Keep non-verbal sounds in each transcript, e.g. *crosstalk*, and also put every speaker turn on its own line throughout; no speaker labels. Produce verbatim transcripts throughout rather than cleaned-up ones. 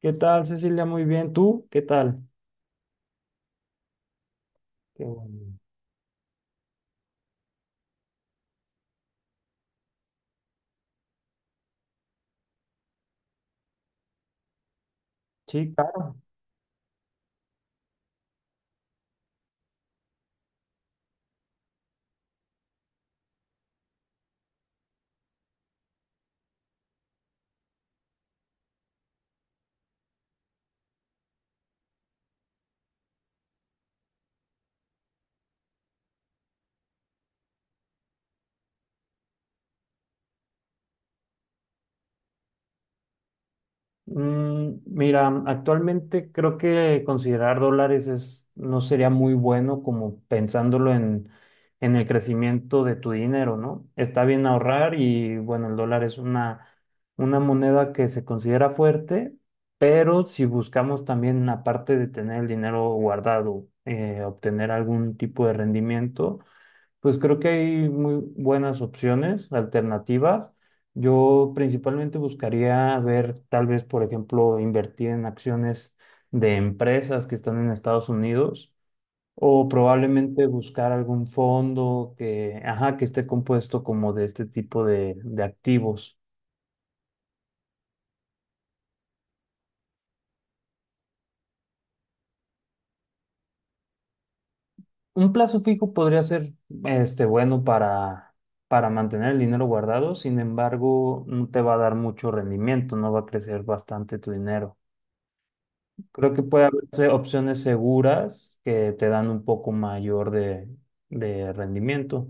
¿Qué tal, Cecilia? Muy bien. ¿Tú? ¿Qué tal? Qué bueno. Sí, claro. Mm, mira, actualmente creo que considerar dólares es, no sería muy bueno como pensándolo en, en el crecimiento de tu dinero, ¿no? Está bien ahorrar y bueno, el dólar es una, una moneda que se considera fuerte, pero si buscamos también, aparte de tener el dinero guardado, eh, obtener algún tipo de rendimiento. Pues creo que hay muy buenas opciones, alternativas. Yo principalmente buscaría ver, tal vez, por ejemplo, invertir en acciones de empresas que están en Estados Unidos o probablemente buscar algún fondo que, ajá, que esté compuesto como de este tipo de, de, activos. Un plazo fijo podría ser, este, bueno para, para mantener el dinero guardado. Sin embargo, no te va a dar mucho rendimiento, no va a crecer bastante tu dinero. Creo que puede haber opciones seguras que te dan un poco mayor de, de, rendimiento.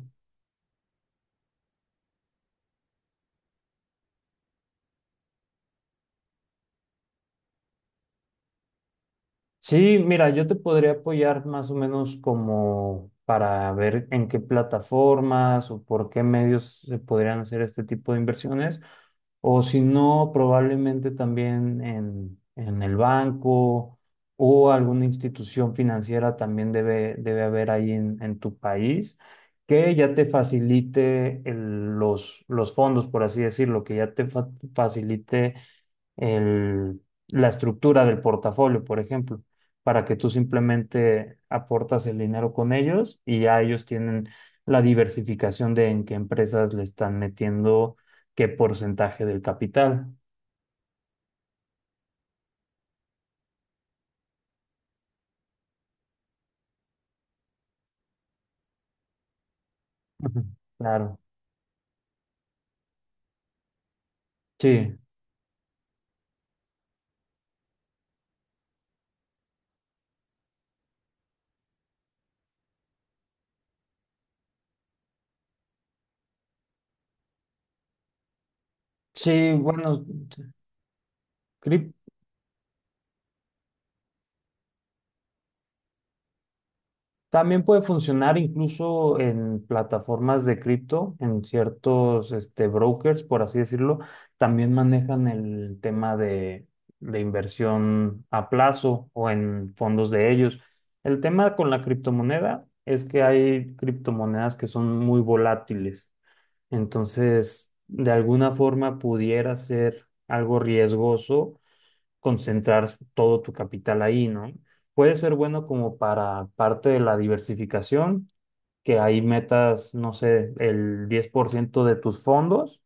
Sí, mira, yo te podría apoyar más o menos como para ver en qué plataformas o por qué medios se podrían hacer este tipo de inversiones. O si no, probablemente también en, en el banco o alguna institución financiera también debe, debe haber ahí en, en tu país que ya te facilite el- los, los fondos, por así decirlo, que ya te fa- facilite el- la estructura del portafolio, por ejemplo, para que tú simplemente aportas el dinero con ellos y ya ellos tienen la diversificación de en qué empresas le están metiendo qué porcentaje del capital. Ujú. Claro. Sí, sí, bueno, también puede funcionar incluso en plataformas de cripto, en ciertos este, brokers, por así decirlo, también manejan el tema de, de inversión a plazo o en fondos de ellos. El tema con la criptomoneda es que hay criptomonedas que son muy volátiles, entonces de alguna forma pudiera ser algo riesgoso concentrar todo tu capital ahí, ¿no? Puede ser bueno como para parte de la diversificación, que ahí metas, no sé, el diez por ciento de tus fondos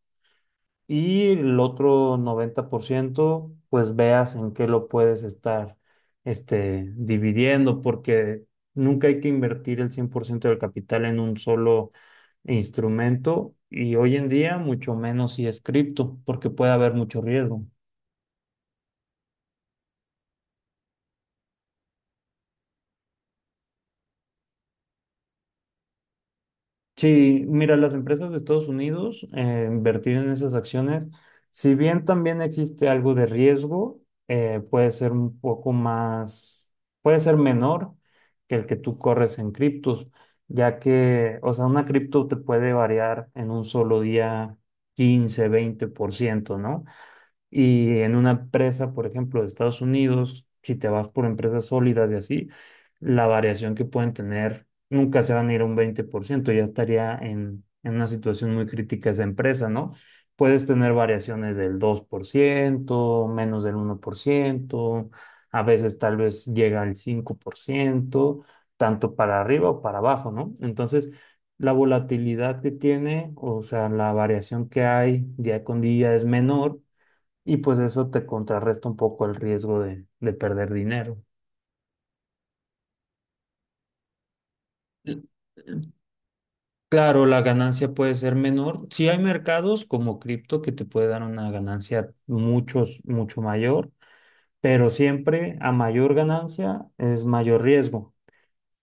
y el otro noventa por ciento, pues veas en qué lo puedes estar este, dividiendo, porque nunca hay que invertir el cien por ciento del capital en un solo instrumento y hoy en día mucho menos si es cripto, porque puede haber mucho riesgo. Sí, mira, las empresas de Estados Unidos, eh, invertir en esas acciones, si bien también existe algo de riesgo, eh, puede ser un poco más, puede ser menor que el que tú corres en criptos, ya que, o sea, una cripto te puede variar en un solo día quince, veinte por ciento, ¿no? Y en una empresa, por ejemplo, de Estados Unidos, si te vas por empresas sólidas y así, la variación que pueden tener nunca se van a ir a un veinte por ciento, ya estaría en, en, una situación muy crítica esa empresa, ¿no? Puedes tener variaciones del dos por ciento, menos del uno por ciento, a veces tal vez llega al cinco por ciento, tanto para arriba o para abajo, ¿no? Entonces, la volatilidad que tiene, o sea, la variación que hay día con día es menor y pues eso te contrarresta un poco el riesgo de, de perder dinero. L- Claro, la ganancia puede ser menor. Sí hay mercados como cripto que te puede dar una ganancia muchos, mucho mayor, pero siempre a mayor ganancia es mayor riesgo.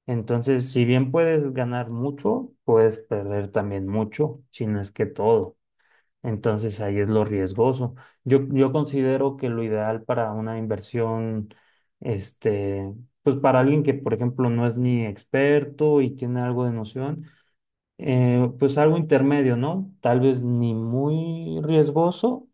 Entonces, si bien puedes ganar mucho, puedes perder también mucho, si no es que todo. Entonces ahí es lo riesgoso. Yo, yo considero que lo ideal para una inversión, este, pues para alguien que, por ejemplo, no es ni experto y tiene algo de noción, eh, pues algo intermedio, ¿no? Tal vez ni muy riesgoso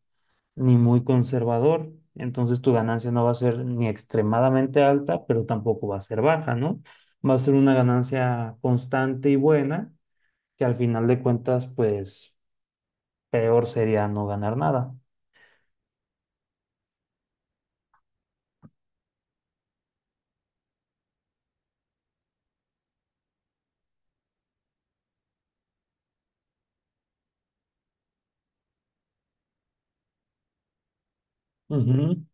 ni muy conservador. Entonces tu ganancia no va a ser ni extremadamente alta, pero tampoco va a ser baja, ¿no? Va a ser una ganancia constante y buena, que al final de cuentas, pues peor sería no ganar nada. Ujú.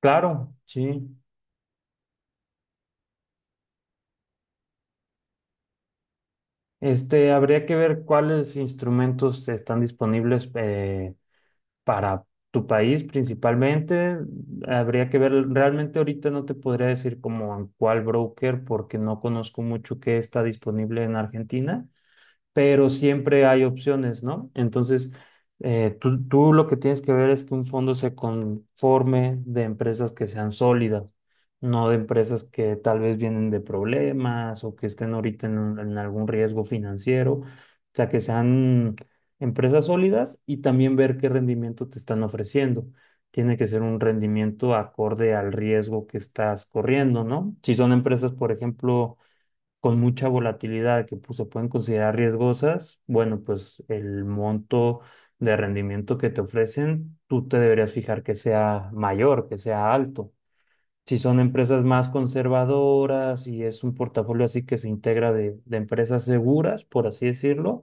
Claro, sí. Este, habría que ver cuáles instrumentos están disponibles eh, para tu país principalmente. Habría que ver, realmente ahorita no te podría decir como en cuál broker porque no conozco mucho qué está disponible en Argentina. Pero siempre hay opciones, ¿no? Entonces, eh, tú, tú lo que tienes que ver es que un fondo se conforme de empresas que sean sólidas, no de empresas que tal vez vienen de problemas o que estén ahorita en, un- en algún riesgo financiero, o sea, que sean empresas sólidas y también ver qué rendimiento te están ofreciendo. Tiene que ser un rendimiento acorde al riesgo que estás corriendo, ¿no? Si son empresas, por ejemplo, con mucha volatilidad que pues, se pueden considerar riesgosas, bueno, pues el monto de rendimiento que te ofrecen, tú te deberías fijar que sea mayor, que sea alto. Si son empresas más conservadoras y es un portafolio así que se integra de, de empresas seguras, por así decirlo,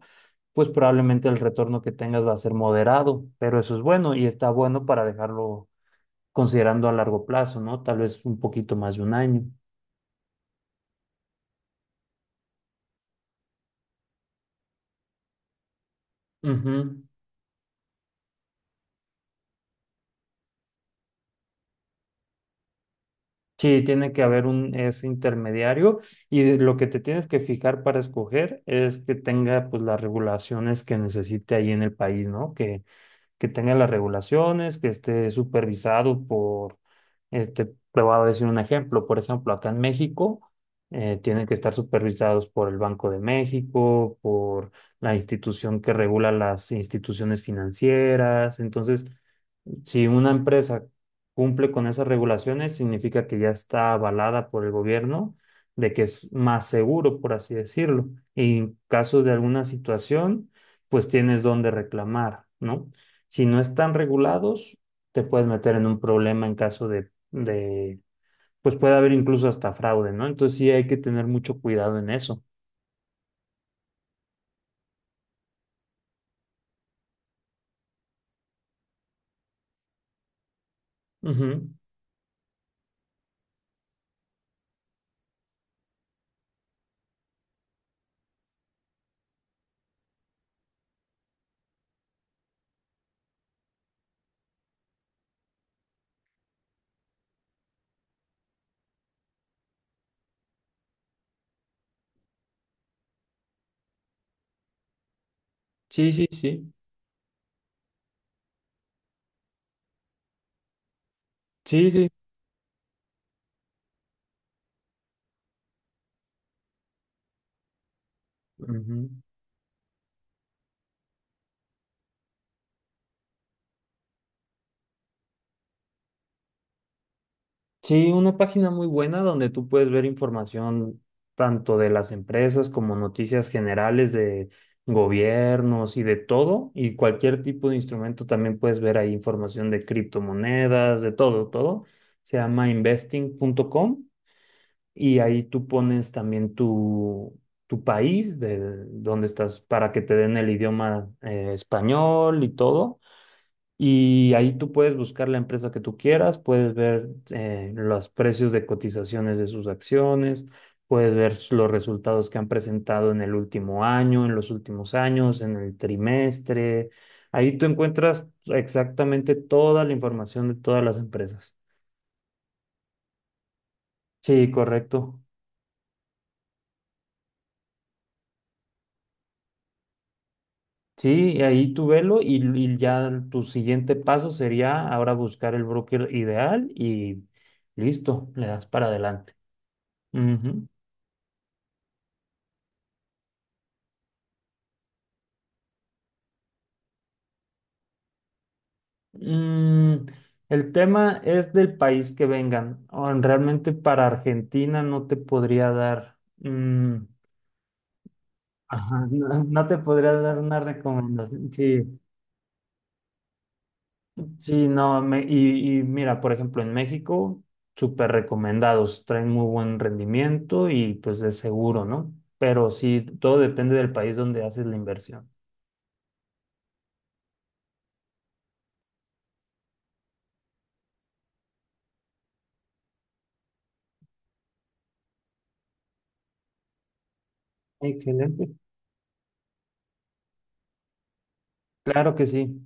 pues probablemente el retorno que tengas va a ser moderado, pero eso es bueno y está bueno para dejarlo considerando a largo plazo, ¿no? Tal vez un poquito más de un año. Ujú. Sí, tiene que haber un ese intermediario y de- lo que te tienes que fijar para escoger es que tenga pues las regulaciones que necesite ahí en el país, ¿no? Que, que tenga las regulaciones, que esté supervisado por, este, te voy a decir un ejemplo, por ejemplo, acá en México eh, tienen que estar supervisados por el Banco de México, por la institución que regula las instituciones financieras. Entonces si una empresa cumple con esas regulaciones, significa que ya está avalada por el gobierno, de que es más seguro, por así decirlo. Y en caso de alguna situación, pues tienes dónde reclamar, ¿no? Si no están regulados, te puedes meter en un problema en caso de, de, pues puede haber incluso hasta fraude, ¿no? Entonces sí hay que tener mucho cuidado en eso. Ujú. Sí, sí, sí. Sí, sí. Ujú. Sí, una página muy buena donde tú puedes ver información tanto de las empresas como noticias generales de gobiernos y de todo, y cualquier tipo de instrumento también puedes ver ahí información de criptomonedas, de todo, todo. Se llama investing punto com y ahí tú pones también tu, tu país, de donde estás, para que te den el idioma eh, español y todo. Y ahí tú puedes buscar la empresa que tú quieras, puedes ver eh, los precios de cotizaciones de sus acciones, puedes ver s- los resultados que han presentado en el último año, en los últimos años, en el trimestre. Ahí tú encuentras exactamente toda la información de todas las empresas. Sí, correcto. Sí, y ahí tú velo y, y ya tu siguiente paso sería ahora buscar el broker ideal y listo, le das para adelante. Ujú. Mm, el tema es del país que vengan. O en- Realmente para Argentina no te podría dar, mm, ajá, no, *laughs* no te podría dar una recomendación. Sí, sí, no. me- y, y mira, por ejemplo, en México, súper recomendados, traen muy buen rendimiento y pues es seguro, ¿no? Pero sí, todo depende del país donde haces la inversión. Excelente. Claro que sí.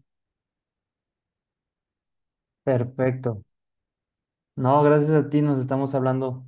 Perfecto. No, gracias a ti, nos estamos hablando.